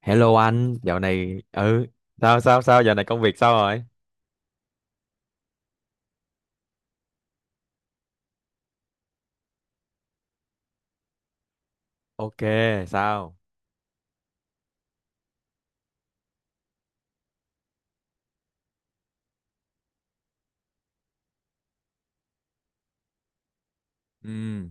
Hello anh, dạo này ừ sao sao sao dạo này công việc sao rồi? Ok, sao? Ừ,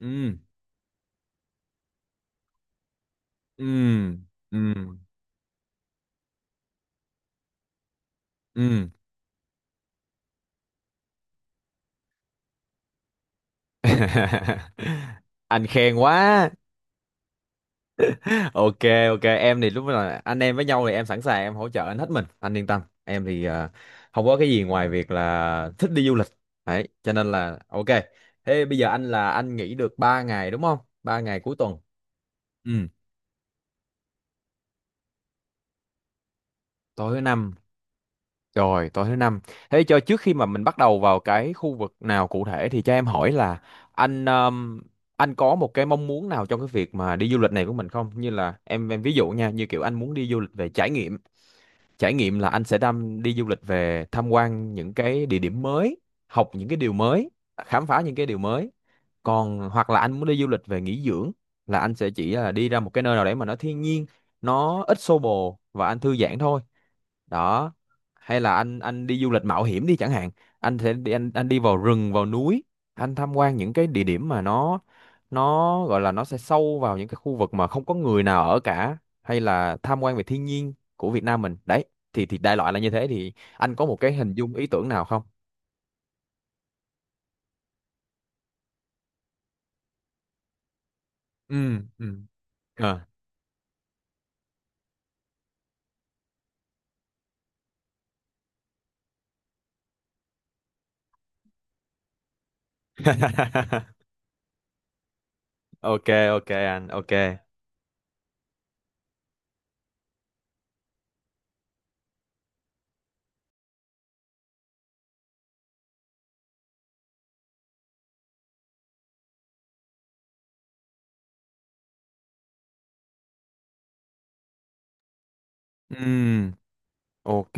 ừ, ừ, ừ, ừ. Anh khen quá. Ok, ok, em thì lúc là anh em với nhau thì em sẵn sàng, em hỗ trợ anh hết mình, anh yên tâm. Em thì không có cái gì ngoài việc là thích đi du lịch. Đấy, cho nên là ok. Thế bây giờ anh nghỉ được 3 ngày đúng không? 3 ngày cuối tuần. Ừ, tối thứ năm. Rồi, tối thứ năm. Thế cho trước khi mà mình bắt đầu vào cái khu vực nào cụ thể thì cho em hỏi là anh um, anh có một cái mong muốn nào trong cái việc mà đi du lịch này của mình không? Như là em ví dụ nha, như kiểu anh muốn đi du lịch về trải nghiệm. Trải nghiệm là anh sẽ đi du lịch về tham quan những cái địa điểm mới, học những cái điều mới, khám phá những cái điều mới. Còn hoặc là anh muốn đi du lịch về nghỉ dưỡng là anh sẽ chỉ là đi ra một cái nơi nào đấy mà nó thiên nhiên, nó ít xô bồ và anh thư giãn thôi đó. Hay là anh đi du lịch mạo hiểm đi chẳng hạn, anh đi vào rừng vào núi, anh tham quan những cái địa điểm mà nó gọi là nó sẽ sâu vào những cái khu vực mà không có người nào ở cả, hay là tham quan về thiên nhiên của Việt Nam mình đấy. Thì đại loại là như thế, thì anh có một cái hình dung ý tưởng nào không? Ừ, ừ. Ờ. Ok, ok, anh ok. Ừm, ok.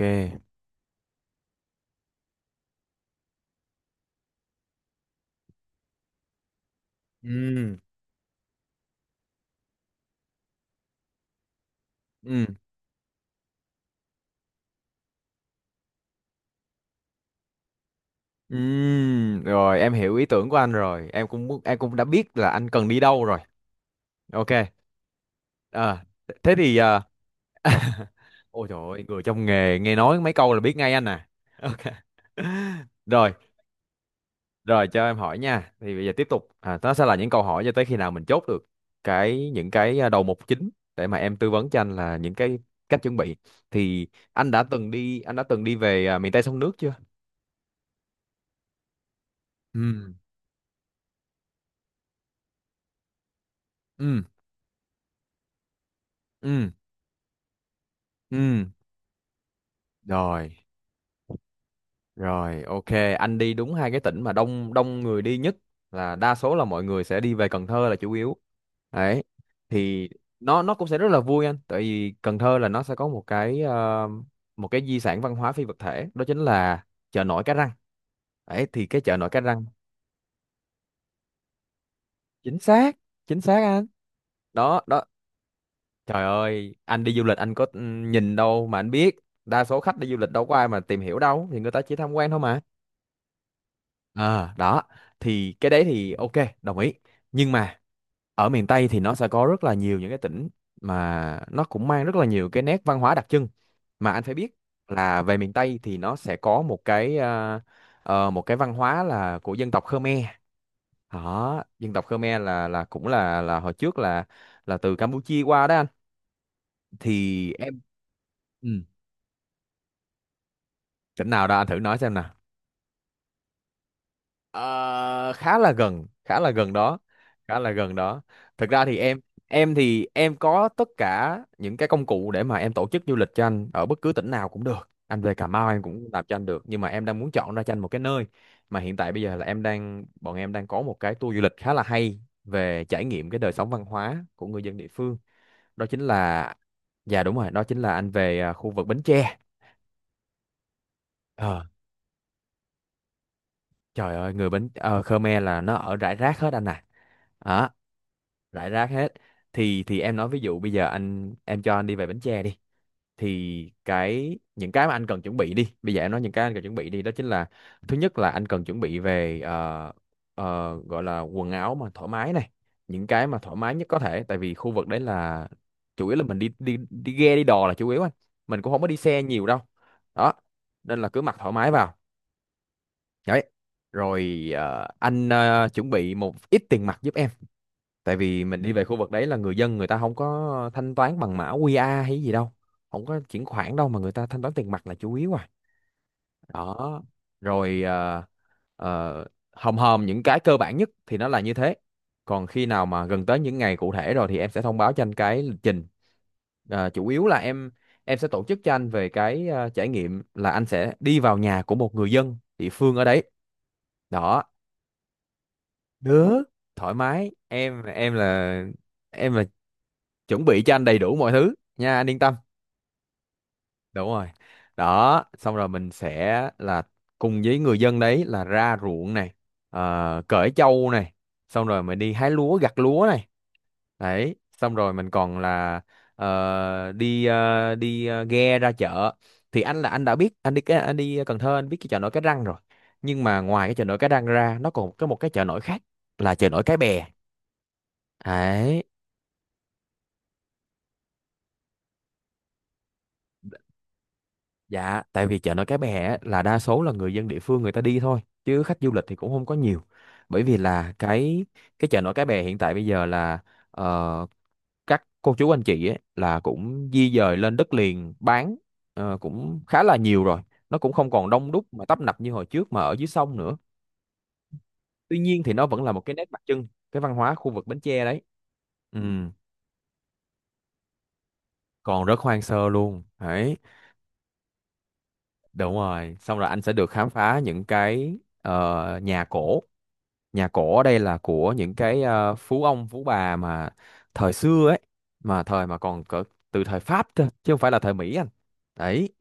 Ừm. Ừm. Rồi em hiểu ý tưởng của anh rồi. Em cũng muốn, em cũng đã biết là anh cần đi đâu rồi. Ok. À, Thế thì, à ôi trời ơi, người trong nghề nghe nói mấy câu là biết ngay anh à. Ok. Rồi, rồi cho em hỏi nha. Thì bây giờ tiếp tục, nó sẽ là những câu hỏi cho tới khi nào mình chốt được những cái đầu mục chính để mà em tư vấn cho anh là những cái cách chuẩn bị. Thì anh đã từng đi về miền Tây sông nước chưa? Ừ. Ừ. Ừ. Ừ. Rồi, rồi, ok, anh đi đúng hai cái tỉnh mà đông đông người đi nhất, là đa số là mọi người sẽ đi về Cần Thơ là chủ yếu. Đấy. Thì nó cũng sẽ rất là vui anh, tại vì Cần Thơ là nó sẽ có một cái di sản văn hóa phi vật thể, đó chính là chợ nổi Cái Răng. Đấy thì cái chợ nổi Cái Răng. Chính xác, chính xác anh. Đó, đó. Trời ơi, anh đi du lịch anh có nhìn đâu mà anh biết. Đa số khách đi du lịch đâu có ai mà tìm hiểu đâu, thì người ta chỉ tham quan thôi mà. Ờ, Đó thì cái đấy thì ok, đồng ý. Nhưng mà ở miền Tây thì nó sẽ có rất là nhiều những cái tỉnh mà nó cũng mang rất là nhiều cái nét văn hóa đặc trưng mà anh phải biết, là về miền Tây thì nó sẽ có một cái văn hóa là của dân tộc Khmer. Đó, dân tộc Khmer là cũng là hồi trước là từ Campuchia qua đó anh, thì em. Ừ. Tỉnh nào đó anh thử nói xem nè. Ờ, khá là gần, khá là gần đó, khá là gần đó. Thực ra thì em thì em có tất cả những cái công cụ để mà em tổ chức du lịch cho anh ở bất cứ tỉnh nào cũng được, anh về Cà Mau em cũng làm cho anh được, nhưng mà em đang muốn chọn ra cho anh một cái nơi mà hiện tại bây giờ là em đang bọn em đang có một cái tour du lịch khá là hay về trải nghiệm cái đời sống văn hóa của người dân địa phương, đó chính là. Dạ đúng rồi, đó chính là anh về khu vực Bến Tre. Ờ, trời ơi người Khmer là nó ở rải rác hết anh à. Đó, rải rác hết. Thì em nói ví dụ bây giờ anh em cho anh đi về Bến Tre đi, thì cái những cái mà anh cần chuẩn bị đi, bây giờ em nói những cái anh cần chuẩn bị đi đó chính là: thứ nhất là anh cần chuẩn bị về gọi là quần áo mà thoải mái này, những cái mà thoải mái nhất có thể, tại vì khu vực đấy là chủ yếu là mình đi đi đi ghe đi đò là chủ yếu anh, mình cũng không có đi xe nhiều đâu. Đó, nên là cứ mặc thoải mái vào. Đấy. Rồi anh chuẩn bị một ít tiền mặt giúp em, tại vì mình đi về khu vực đấy là người dân, người ta không có thanh toán bằng mã QR hay gì đâu, không có chuyển khoản đâu mà người ta thanh toán tiền mặt là chủ yếu à. Đó. Rồi ờ, hòm hòm những cái cơ bản nhất thì nó là như thế, còn khi nào mà gần tới những ngày cụ thể rồi thì em sẽ thông báo cho anh cái lịch trình. Ờ, chủ yếu là em sẽ tổ chức cho anh về cái trải nghiệm là anh sẽ đi vào nhà của một người dân địa phương ở đấy. Đó, được. Thoải mái, em là em chuẩn bị cho anh đầy đủ mọi thứ nha, anh yên tâm. Đúng rồi, đó, xong rồi mình sẽ là cùng với người dân đấy, là ra ruộng này, cởi trâu này, xong rồi mình đi hái lúa gặt lúa này, đấy, xong rồi mình còn là đi ghe ra chợ. Thì anh đã biết, anh đi Cần Thơ, anh biết cái chợ nổi Cái Răng rồi, nhưng mà ngoài cái chợ nổi Cái Răng ra nó còn có một cái chợ nổi khác là chợ nổi Cái Bè. Đấy. Dạ, tại vì chợ nổi Cái Bè á, là đa số là người dân địa phương người ta đi thôi, chứ khách du lịch thì cũng không có nhiều. Bởi vì là cái chợ nổi Cái Bè hiện tại bây giờ là ờ, các cô chú anh chị ấy, là cũng di dời lên đất liền bán, cũng khá là nhiều rồi. Nó cũng không còn đông đúc mà tấp nập như hồi trước mà ở dưới sông nữa. Tuy nhiên thì nó vẫn là một cái nét đặc trưng cái văn hóa khu vực Bến Tre đấy. Ừ, còn rất hoang sơ luôn. Đấy, đúng rồi. Xong rồi anh sẽ được khám phá những cái nhà cổ. Nhà cổ ở đây là của những cái phú ông phú bà mà thời xưa ấy, mà thời mà còn cỡ từ thời Pháp cơ chứ không phải là thời Mỹ anh. Đấy,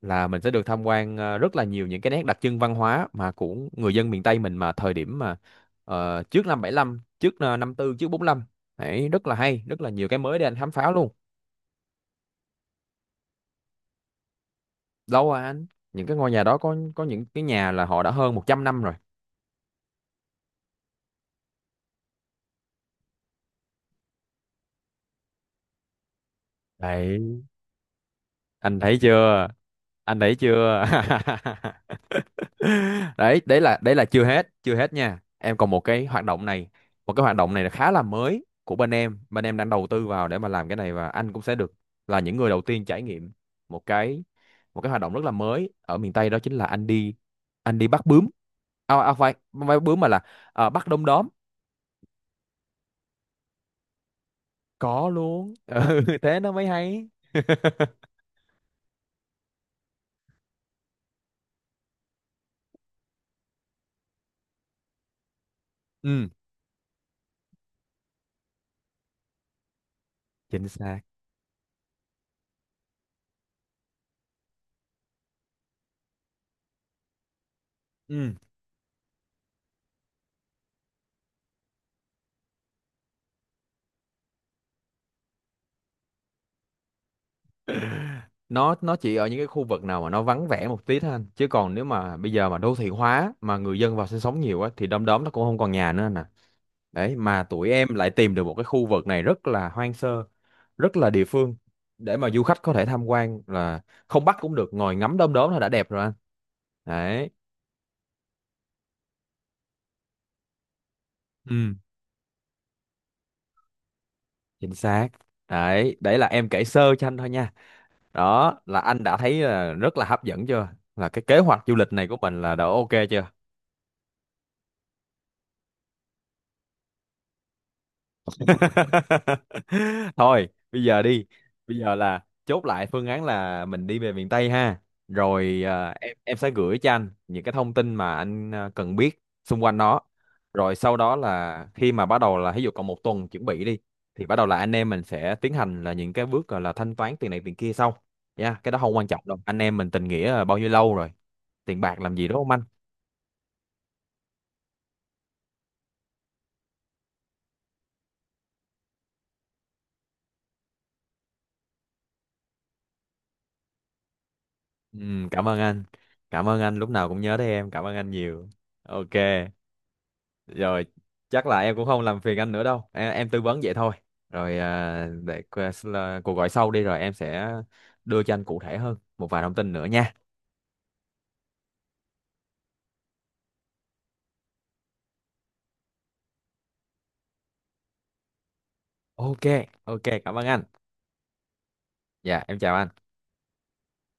là mình sẽ được tham quan rất là nhiều những cái nét đặc trưng văn hóa mà của người dân miền Tây mình mà thời điểm mà trước năm bảy lăm, trước năm tư, trước bốn lăm. Đấy, rất là hay, rất là nhiều cái mới để anh khám phá luôn. Lâu rồi anh, những cái ngôi nhà đó có những cái nhà là họ đã hơn 100 năm rồi. Đấy, anh thấy chưa? Anh thấy chưa? đấy đấy là chưa hết, chưa hết nha em, còn một cái hoạt động này. Một cái hoạt động này là khá là mới của bên em, bên em đang đầu tư vào để mà làm cái này, và anh cũng sẽ được là những người đầu tiên trải nghiệm một cái, hoạt động rất là mới ở miền Tây, đó chính là anh đi bắt bướm. Phải, không phải bắt bướm mà là, bắt đom đóm. Có luôn. Ừ, thế nó mới hay. Ừ chính xác. Ừ, nó chỉ ở những cái khu vực nào mà nó vắng vẻ một tí thôi anh, chứ còn nếu mà bây giờ mà đô thị hóa mà người dân vào sinh sống nhiều á thì đom đóm nó cũng không còn nhà nữa anh à. Đấy mà tụi em lại tìm được một cái khu vực này rất là hoang sơ, rất là địa phương, để mà du khách có thể tham quan là không bắt cũng được, ngồi ngắm đom đóm là đã đẹp rồi anh. Đấy. Ừ. Chính xác. Đấy đấy là em kể sơ cho anh thôi nha. Đó là anh đã thấy là rất là hấp dẫn chưa? Là cái kế hoạch du lịch này của mình là đã ok chưa? Thôi, bây giờ đi. Bây giờ là chốt lại phương án là mình đi về miền Tây ha. Rồi em sẽ gửi cho anh những cái thông tin mà anh cần biết xung quanh nó. Rồi sau đó là khi mà bắt đầu là ví dụ còn một tuần chuẩn bị đi thì bắt đầu là anh em mình sẽ tiến hành là những cái bước gọi là thanh toán tiền này tiền kia sau. Nha, cái đó không quan trọng đâu. Anh em mình tình nghĩa là bao nhiêu lâu rồi. Tiền bạc làm gì đúng không anh? Ừ, cảm ơn anh. Cảm ơn anh lúc nào cũng nhớ tới em. Cảm ơn anh nhiều. Ok. Rồi, chắc là em cũng không làm phiền anh nữa đâu em tư vấn vậy thôi. Rồi để là cuộc gọi sau đi rồi em sẽ đưa cho anh cụ thể hơn một vài thông tin nữa nha. Ok, ok, cảm ơn anh. Dạ em chào anh.